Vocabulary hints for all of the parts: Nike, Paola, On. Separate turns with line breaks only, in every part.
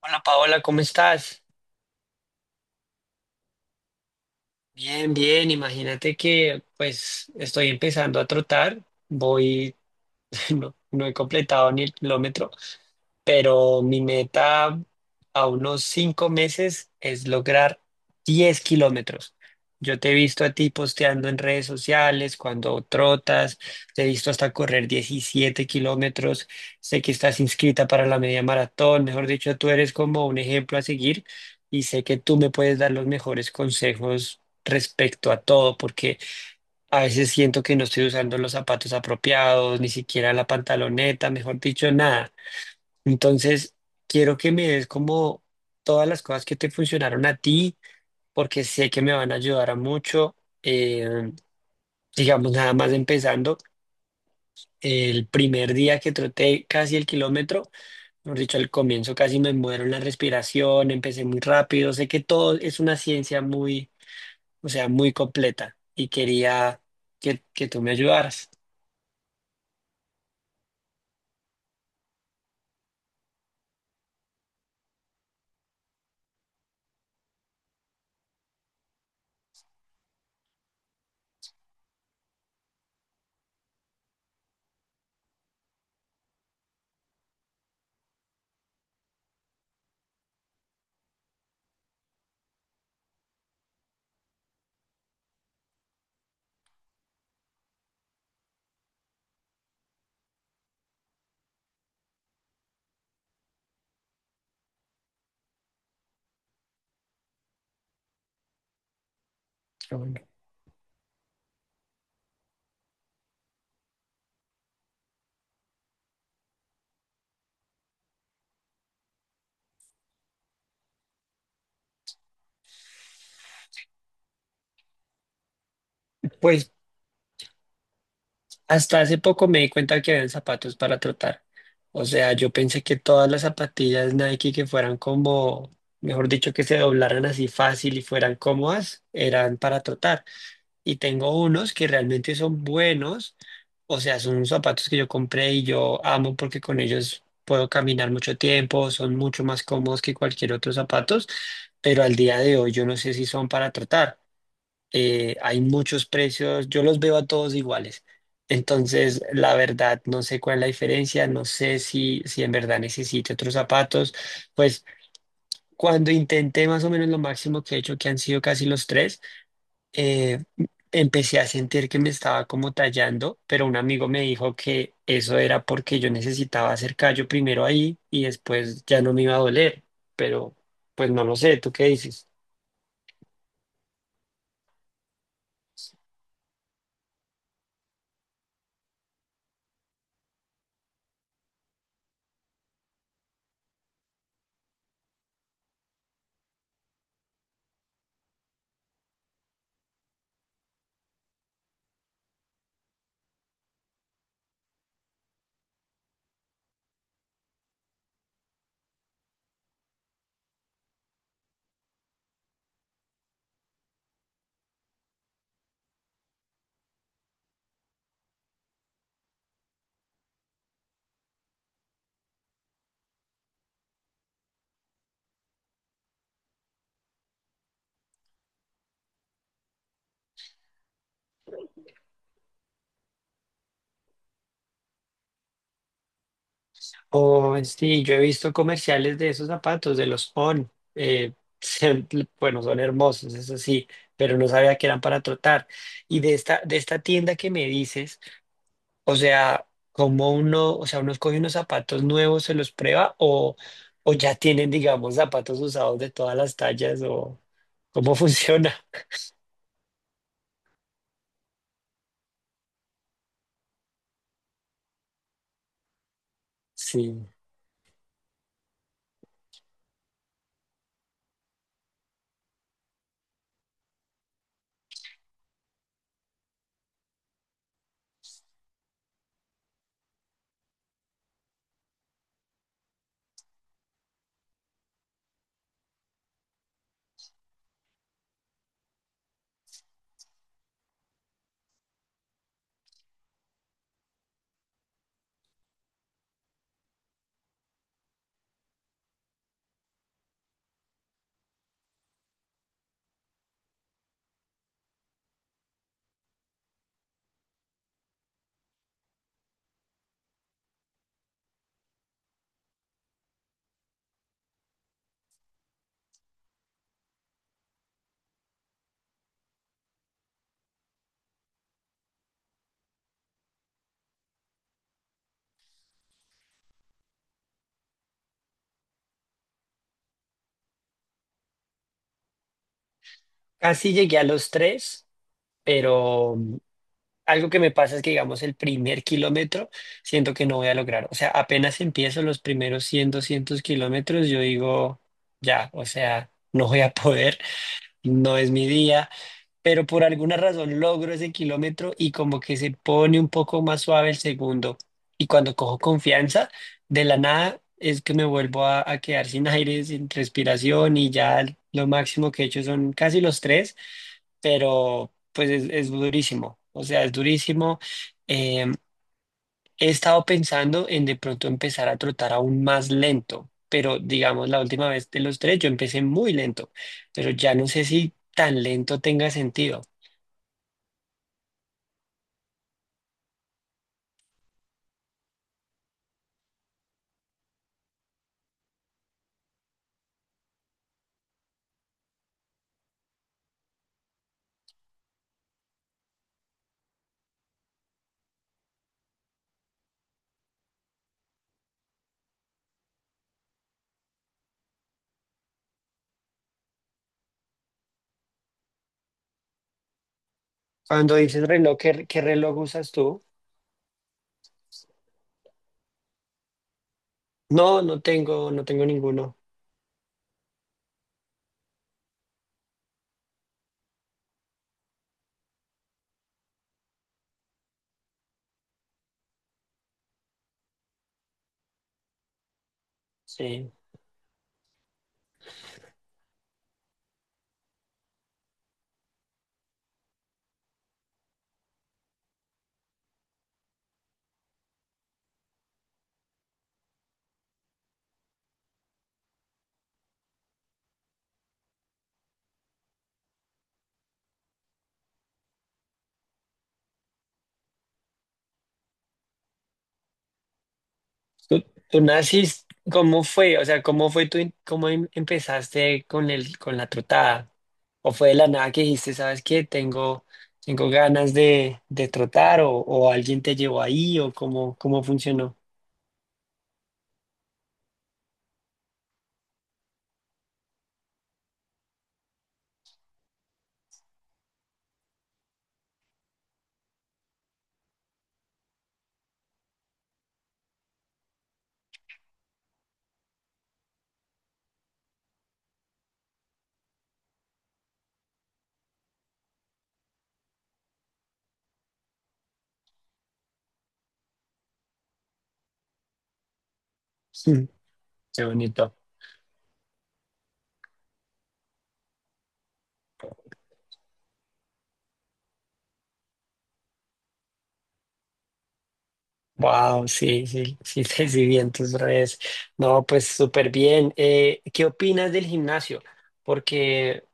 Hola Paola, ¿cómo estás? Bien, bien, imagínate que pues estoy empezando a trotar, voy no, no he completado ni el kilómetro, pero mi meta a unos 5 meses es lograr 10 kilómetros. Yo te he visto a ti posteando en redes sociales cuando trotas, te he visto hasta correr 17 kilómetros, sé que estás inscrita para la media maratón, mejor dicho, tú eres como un ejemplo a seguir y sé que tú me puedes dar los mejores consejos respecto a todo, porque a veces siento que no estoy usando los zapatos apropiados, ni siquiera la pantaloneta, mejor dicho, nada. Entonces, quiero que me des como todas las cosas que te funcionaron a ti, porque sé que me van a ayudar a mucho. Eh, digamos, nada más empezando, el primer día que troté casi el kilómetro, mejor dicho, al comienzo casi me muero en la respiración, empecé muy rápido. Sé que todo es una ciencia muy, o sea, muy completa y quería que tú me ayudaras. Pero bueno. Pues hasta hace poco me di cuenta que habían zapatos para trotar. O sea, yo pensé que todas las zapatillas Nike que fueran como, mejor dicho, que se doblaran así fácil y fueran cómodas, eran para trotar. Y tengo unos que realmente son buenos. O sea, son unos zapatos que yo compré y yo amo porque con ellos puedo caminar mucho tiempo, son mucho más cómodos que cualquier otro zapatos, pero al día de hoy yo no sé si son para trotar. Hay muchos precios, yo los veo a todos iguales. Entonces, la verdad, no sé cuál es la diferencia, no sé si en verdad necesite otros zapatos. Pues cuando intenté más o menos lo máximo que he hecho, que han sido casi los tres, eh, empecé a sentir que me estaba como tallando, pero un amigo me dijo que eso era porque yo necesitaba hacer callo primero ahí y después ya no me iba a doler, pero pues no lo sé, ¿tú qué dices? Oh, sí, yo he visto comerciales de esos zapatos, de los On. Se- bueno, son hermosos, eso sí, pero no sabía que eran para trotar. Y de esta tienda que me dices, o sea, ¿cómo uno, o sea, uno escoge unos zapatos nuevos, se los prueba o ya tienen, digamos, zapatos usados de todas las tallas o cómo funciona? Sí. Casi llegué a los tres, pero... Algo que me pasa es que, digamos, el primer kilómetro siento que no voy a lograr. O sea, apenas empiezo los primeros 100 200 kilómetros, yo digo, ya, o sea, no voy a poder, no es mi día, pero por alguna razón logro ese kilómetro y como que se pone un poco más suave el segundo. Y cuando cojo confianza, de la nada es que me vuelvo a quedar sin aire, sin respiración y ya lo máximo que he hecho son casi los tres pero pues es durísimo, o sea, es durísimo. Eh, he estado pensando en de pronto empezar a trotar aún más lento, pero digamos, la última vez de los tres yo empecé muy lento, pero ya no sé si tan lento tenga sentido. Cuando dices reloj, ¿qué reloj usas tú? No, no tengo ninguno. Sí. ¿Tú, tú naciste? ¿Cómo fue? O sea, ¿cómo fue tú, cómo empezaste con con la trotada? ¿O fue de la nada que dijiste, sabes qué, tengo ganas de trotar o alguien te llevó ahí o cómo funcionó? Mm, qué bonito. Wow, sí, sí, sí, te vi en tus redes. No, pues súper bien. ¿Qué opinas del gimnasio? Porque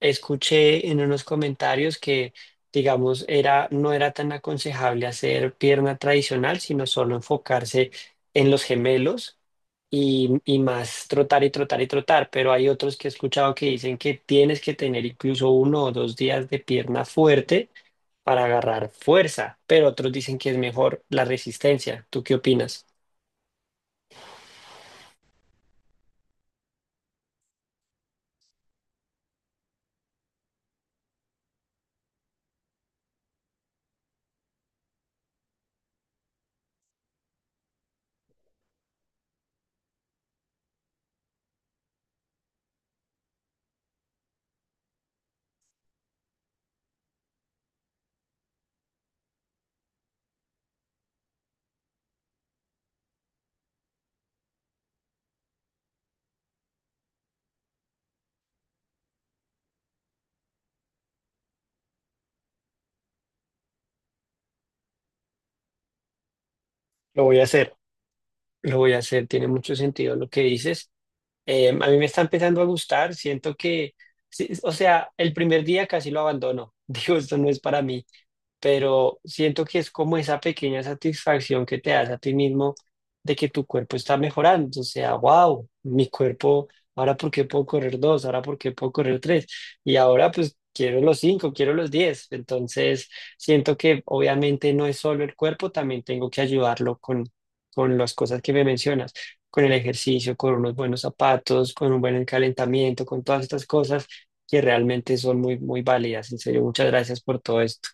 escuché en unos comentarios que, digamos, no era tan aconsejable hacer pierna tradicional, sino solo enfocarse en los gemelos y más trotar y trotar y trotar, pero hay otros que he escuchado que dicen que tienes que tener incluso 1 o 2 días de pierna fuerte para agarrar fuerza, pero otros dicen que es mejor la resistencia. ¿Tú qué opinas? Lo voy a hacer, lo voy a hacer, tiene mucho sentido lo que dices. A mí me está empezando a gustar, siento que, sí, o sea, el primer día casi lo abandono, digo, esto no es para mí, pero siento que es como esa pequeña satisfacción que te das a ti mismo de que tu cuerpo está mejorando, o sea, wow, mi cuerpo, ahora por qué puedo correr dos, ahora por qué puedo correr tres, y ahora pues quiero los cinco, quiero los diez, entonces siento que obviamente no es solo el cuerpo, también tengo que ayudarlo con, las cosas que me mencionas. Con el ejercicio, con unos buenos zapatos, con un buen calentamiento, con todas estas cosas que realmente son muy, muy válidas. En serio, muchas gracias por todo esto.